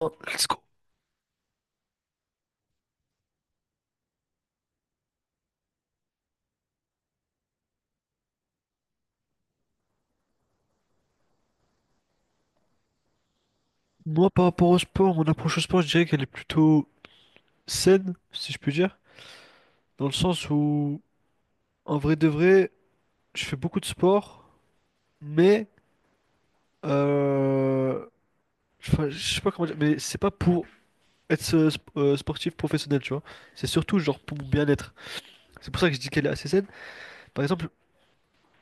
Oh, Let's go. Moi, par rapport au sport, mon approche au sport, je dirais qu'elle est plutôt saine, si je puis dire. Dans le sens où, en vrai de vrai, je fais beaucoup de sport, mais euh, enfin, je sais pas comment dire, mais c'est pas pour être sportif professionnel, tu vois. C'est surtout genre pour mon bien-être. C'est pour ça que je dis qu'elle est assez saine. Par exemple,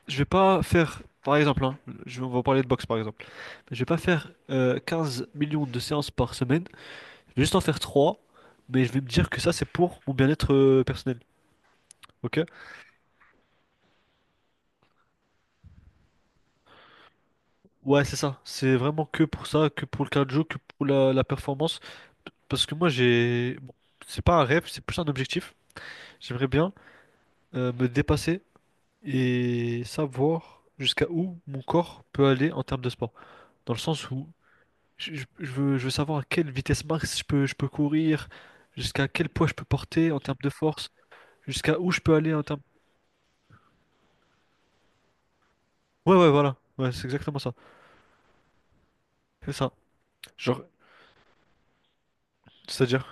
je vais pas faire, par exemple, hein, on va parler de boxe par exemple, je vais pas faire 15 millions de séances par semaine. Je vais juste en faire trois, mais je vais me dire que ça, c'est pour mon bien-être personnel. Ok? Ouais, c'est ça. C'est vraiment que pour ça, que pour le cardio, que pour la performance. Parce que moi, j'ai. Bon, c'est pas un rêve, c'est plus un objectif. J'aimerais bien me dépasser et savoir jusqu'à où mon corps peut aller en termes de sport. Dans le sens où je veux savoir à quelle vitesse max je peux courir, jusqu'à quel poids je peux porter en termes de force, jusqu'à où je peux aller en termes. Ouais, ouais, voilà. Ouais, c'est exactement ça. C'est ça. Genre, c'est-à-dire?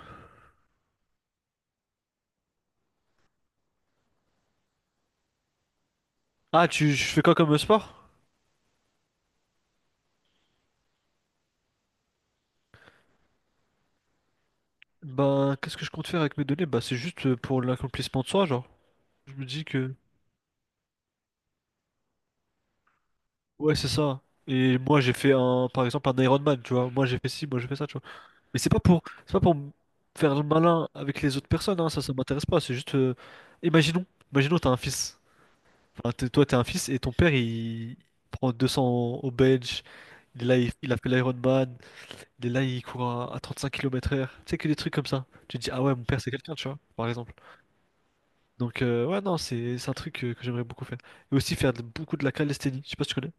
Ah, je fais quoi comme sport? Ben, qu'est-ce que je compte faire avec mes données? Bah, c'est juste pour l'accomplissement de soi, genre. Je me dis que, ouais, c'est ça. Et moi, j'ai fait un, par exemple, un Ironman, tu vois. Moi, j'ai fait ci, moi, j'ai fait ça, tu vois. Mais c'est pas pour me faire le malin avec les autres personnes, hein, ça m'intéresse pas. C'est juste, imaginons, imaginons, t'as un fils. Enfin, toi, t'es un fils et ton père, il prend 200 au bench. Il a fait l'Ironman. Il est là, il court à 5 km/h. Tu sais que des trucs comme ça. Tu te dis, ah ouais, mon père c'est quelqu'un, tu vois, par exemple. Donc, ouais, non, c'est un truc j'aimerais beaucoup faire. Et aussi faire beaucoup de la calisthénie. Je sais pas si tu connais.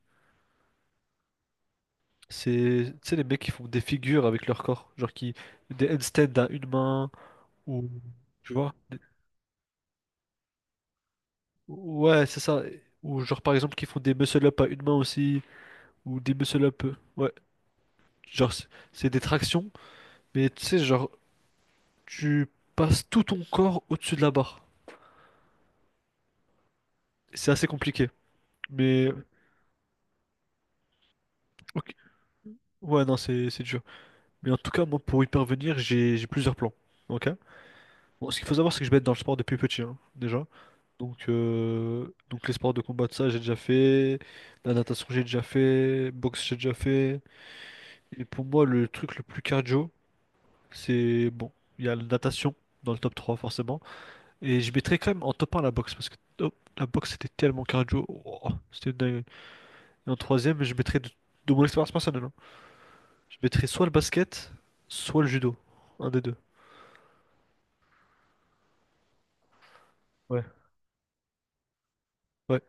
C'est, tu sais, les mecs qui font des figures avec leur corps. Genre qui. Des handstands à une main. Ou. Tu vois? Ouais, c'est ça. Ou genre, par exemple, qui font des muscle-up à une main aussi. Ou des muscle-up. Ouais. Genre, c'est des tractions. Mais tu sais, genre, tu passes tout ton corps au-dessus de la barre. C'est assez compliqué. Mais ok. Ouais, non, c'est dur. Mais en tout cas, moi, pour y parvenir, j'ai plusieurs plans. Ok? Bon, ce qu'il faut savoir, c'est que je vais être dans le sport depuis petit, hein, déjà. Donc les sports de combat, de ça, j'ai déjà fait. La natation, j'ai déjà fait. Boxe, j'ai déjà fait. Et pour moi, le truc le plus cardio, c'est, bon, il y a la natation dans le top trois forcément. Et je mettrais quand même en top un la boxe, parce que oh, la boxe, c'était tellement cardio. Oh, c'était dingue. Et en troisième, je mettrais de mon expérience personnelle, hein. Je mettrais soit le basket, soit le judo. Un des deux. Ouais, ouais,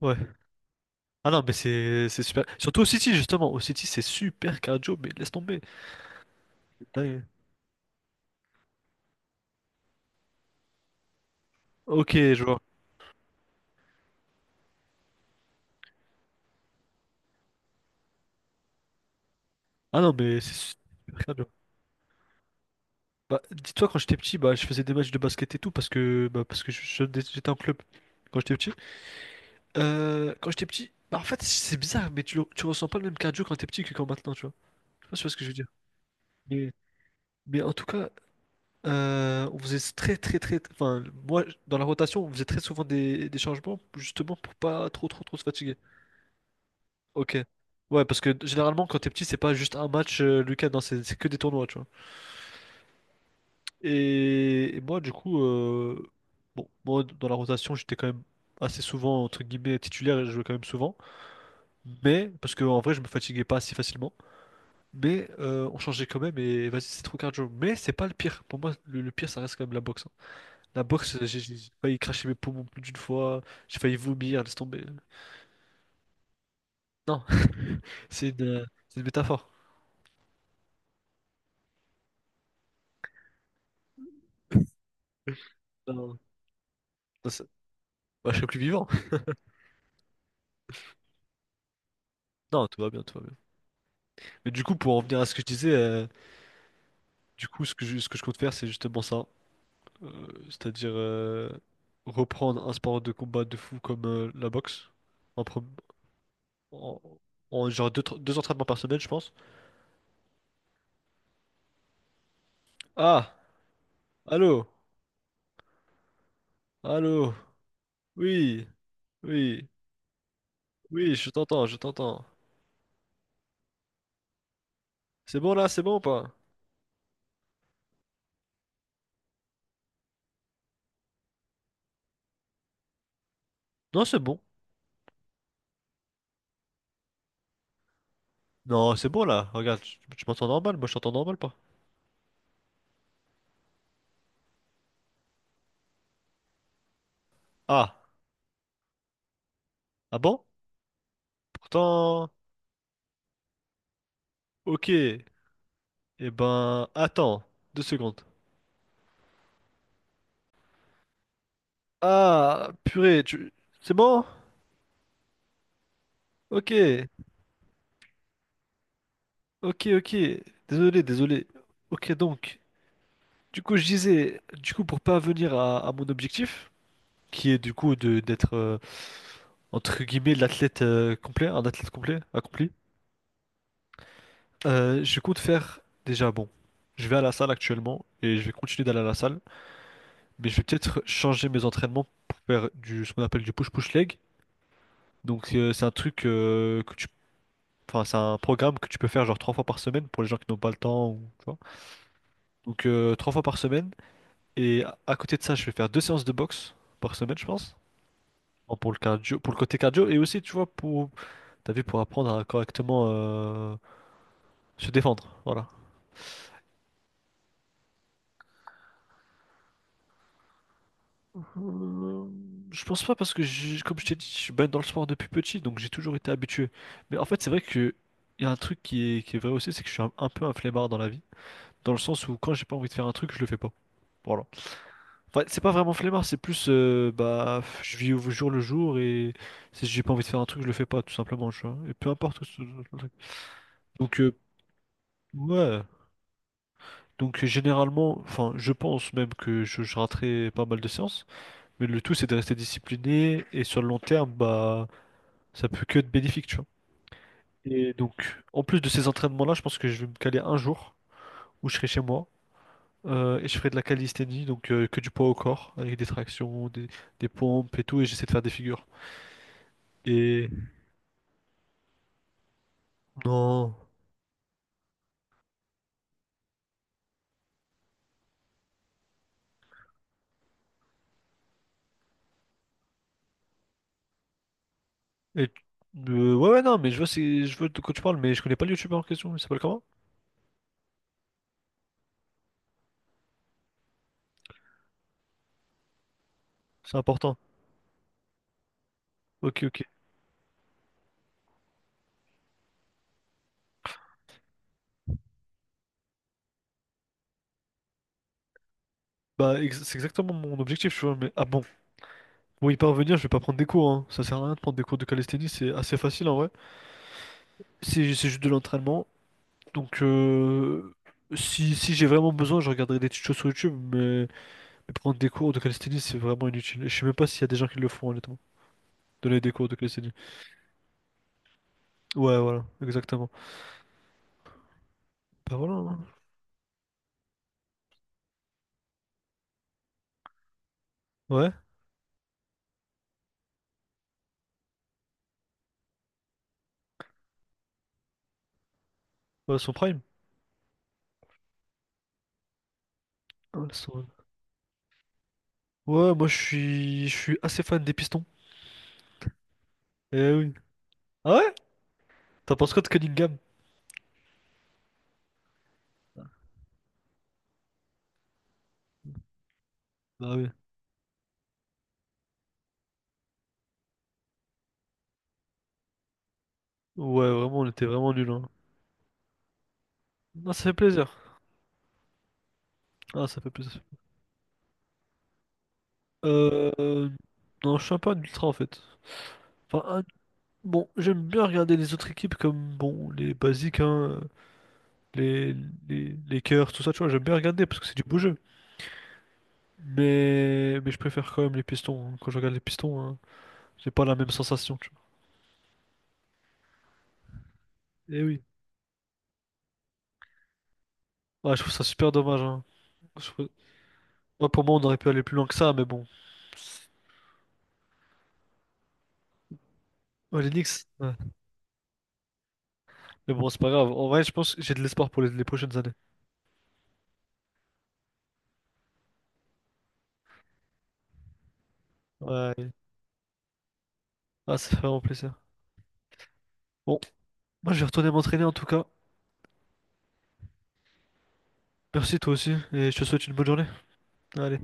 ouais. Ah non, mais c'est super. Surtout au City, justement. Au City, c'est super cardio, mais laisse tomber. C'est dingue. Ok, je vois. Ah non, mais c'est super cardio. Bah, dis-toi, quand j'étais petit, bah, je faisais des matchs de basket et tout parce que, bah, parce que j'étais en club quand j'étais petit. Quand j'étais petit, bah, en fait, c'est bizarre, mais tu ressens pas le même cardio quand t'es petit que quand maintenant, tu vois. Je sais pas si tu vois ce que je veux dire. Mais, mais en tout cas, on faisait très très très, enfin moi dans la rotation on faisait très souvent des changements justement pour pas trop trop trop se fatiguer. Ok. Ouais parce que généralement quand t'es petit c'est pas juste un match le week-end, hein, c'est que des tournois tu vois. Et moi du coup bon moi dans la rotation j'étais quand même assez souvent entre guillemets titulaire et je jouais quand même souvent. Mais parce que en vrai je me fatiguais pas si facilement. Mais on changeait quand même et vas-y c'est trop cardio. Mais c'est pas le pire. Pour moi le pire ça reste quand même la boxe, hein. La boxe, j'ai failli cracher mes poumons plus d'une fois, j'ai failli vomir, laisse tomber. Non, c'est une métaphore. Non, non, non, bah, je suis plus vivant. Non, tout va bien, tout va bien. Mais du coup, pour en venir à ce que je disais, du coup, ce que je compte faire, c'est justement ça. C'est-à-dire reprendre un sport de combat de fou comme la boxe. En, pre- en- en genre deux entraînements par semaine, je pense. Ah, allô, allô, oui, oui, oui, je t'entends, je t'entends. C'est bon là, c'est bon ou pas? Non, c'est bon. Non, c'est bon là. Regarde, tu m'entends normal, moi je t'entends normal pas. Ah, ah bon? Pourtant, ok. Eh ben, attends, 2 secondes. Ah, purée, tu. C'est bon? Ok, ok, ok. Désolé, désolé. Ok, donc, du coup, je disais, du coup, pour pas venir à mon objectif, qui est du coup de d'être, entre guillemets, l'athlète complet, un athlète complet, accompli, je compte faire déjà, bon, je vais à la salle actuellement et je vais continuer d'aller à la salle. Mais je vais peut-être changer mes entraînements pour faire ce qu'on appelle du push-push leg. Donc c'est un truc enfin c'est un programme que tu peux faire genre trois fois par semaine pour les gens qui n'ont pas le temps ou tu vois. Donc trois fois par semaine. Et à côté de ça, je vais faire deux séances de boxe par semaine, je pense. Bon, pour le cardio, pour le côté cardio et aussi tu vois pour, t'as vu pour apprendre à correctement se défendre. Voilà. Euh, Je pense pas parce que comme je t'ai dit, je suis baigné dans le sport depuis petit, donc j'ai toujours été habitué. Mais en fait, c'est vrai que il y a un truc qui est, vrai aussi, c'est que je suis un peu un flemmard dans la vie, dans le sens où quand j'ai pas envie de faire un truc, je le fais pas. Voilà. Enfin, c'est pas vraiment flemmard, c'est plus bah je vis au jour le jour et si j'ai pas envie de faire un truc, je le fais pas tout simplement, tu vois. Et peu importe où le truc. Donc ouais. Donc généralement, enfin, je pense même que je raterai pas mal de séances, mais le tout c'est de rester discipliné et sur le long terme, bah ça peut que être bénéfique, tu vois. Et donc, en plus de ces entraînements-là, je pense que je vais me caler un jour où je serai chez moi, et je ferai de la calisthénie, donc que du poids au corps, avec des tractions, des pompes et tout, et j'essaie de faire des figures. Et non. Et ouais, ouais, non, mais je vois, je vois de quoi tu parles, mais je connais pas le youtubeur en question. Il s'appelle comment? C'est important. Ok, ok. Bah, c'est exactement mon objectif, tu vois. Mais ah bon, pour y parvenir, je vais pas prendre des cours, hein. Ça sert à rien de prendre des cours de calisthénie, c'est assez facile en vrai. C'est juste de l'entraînement. Donc, si j'ai vraiment besoin, je regarderai des tutos sur YouTube, mais, prendre des cours de calisthénie, c'est vraiment inutile. Et je sais même pas s'il y a des gens qui le font, honnêtement. Donner des cours de calisthénie. Ouais, voilà, exactement. Bah voilà, hein. Ouais, bah, son prime. Ah, ouais, moi je suis assez fan des Pistons. Eh oui. Ah ouais? T'en penses quoi de Cunningham? Ah oui. Ouais, vraiment, on était vraiment nuls, hein. Non, ça fait plaisir. Ah, ça fait plaisir. Euh... Non, je suis un peu un ultra en fait. Enfin, bon, j'aime bien regarder les autres équipes comme, bon, les basiques, hein, les, les, les Lakers, tout ça, tu vois, j'aime bien regarder parce que c'est du beau jeu. Mais je préfère quand même les Pistons, hein. Quand je regarde les Pistons, hein, j'ai pas la même sensation, tu vois. Et oui. Ouais, je trouve ça super dommage, hein. Je trouve- Ouais, pour moi, on aurait pu aller plus loin que ça, mais bon. Ouais, les Knicks, ouais. Mais bon, c'est pas grave. En vrai, je pense que j'ai de l'espoir pour les prochaines années. Ouais. Ah, ça fait vraiment plaisir. Bon, moi, je vais retourner m'entraîner en tout cas. Merci, toi aussi, et je te souhaite une bonne journée. Allez.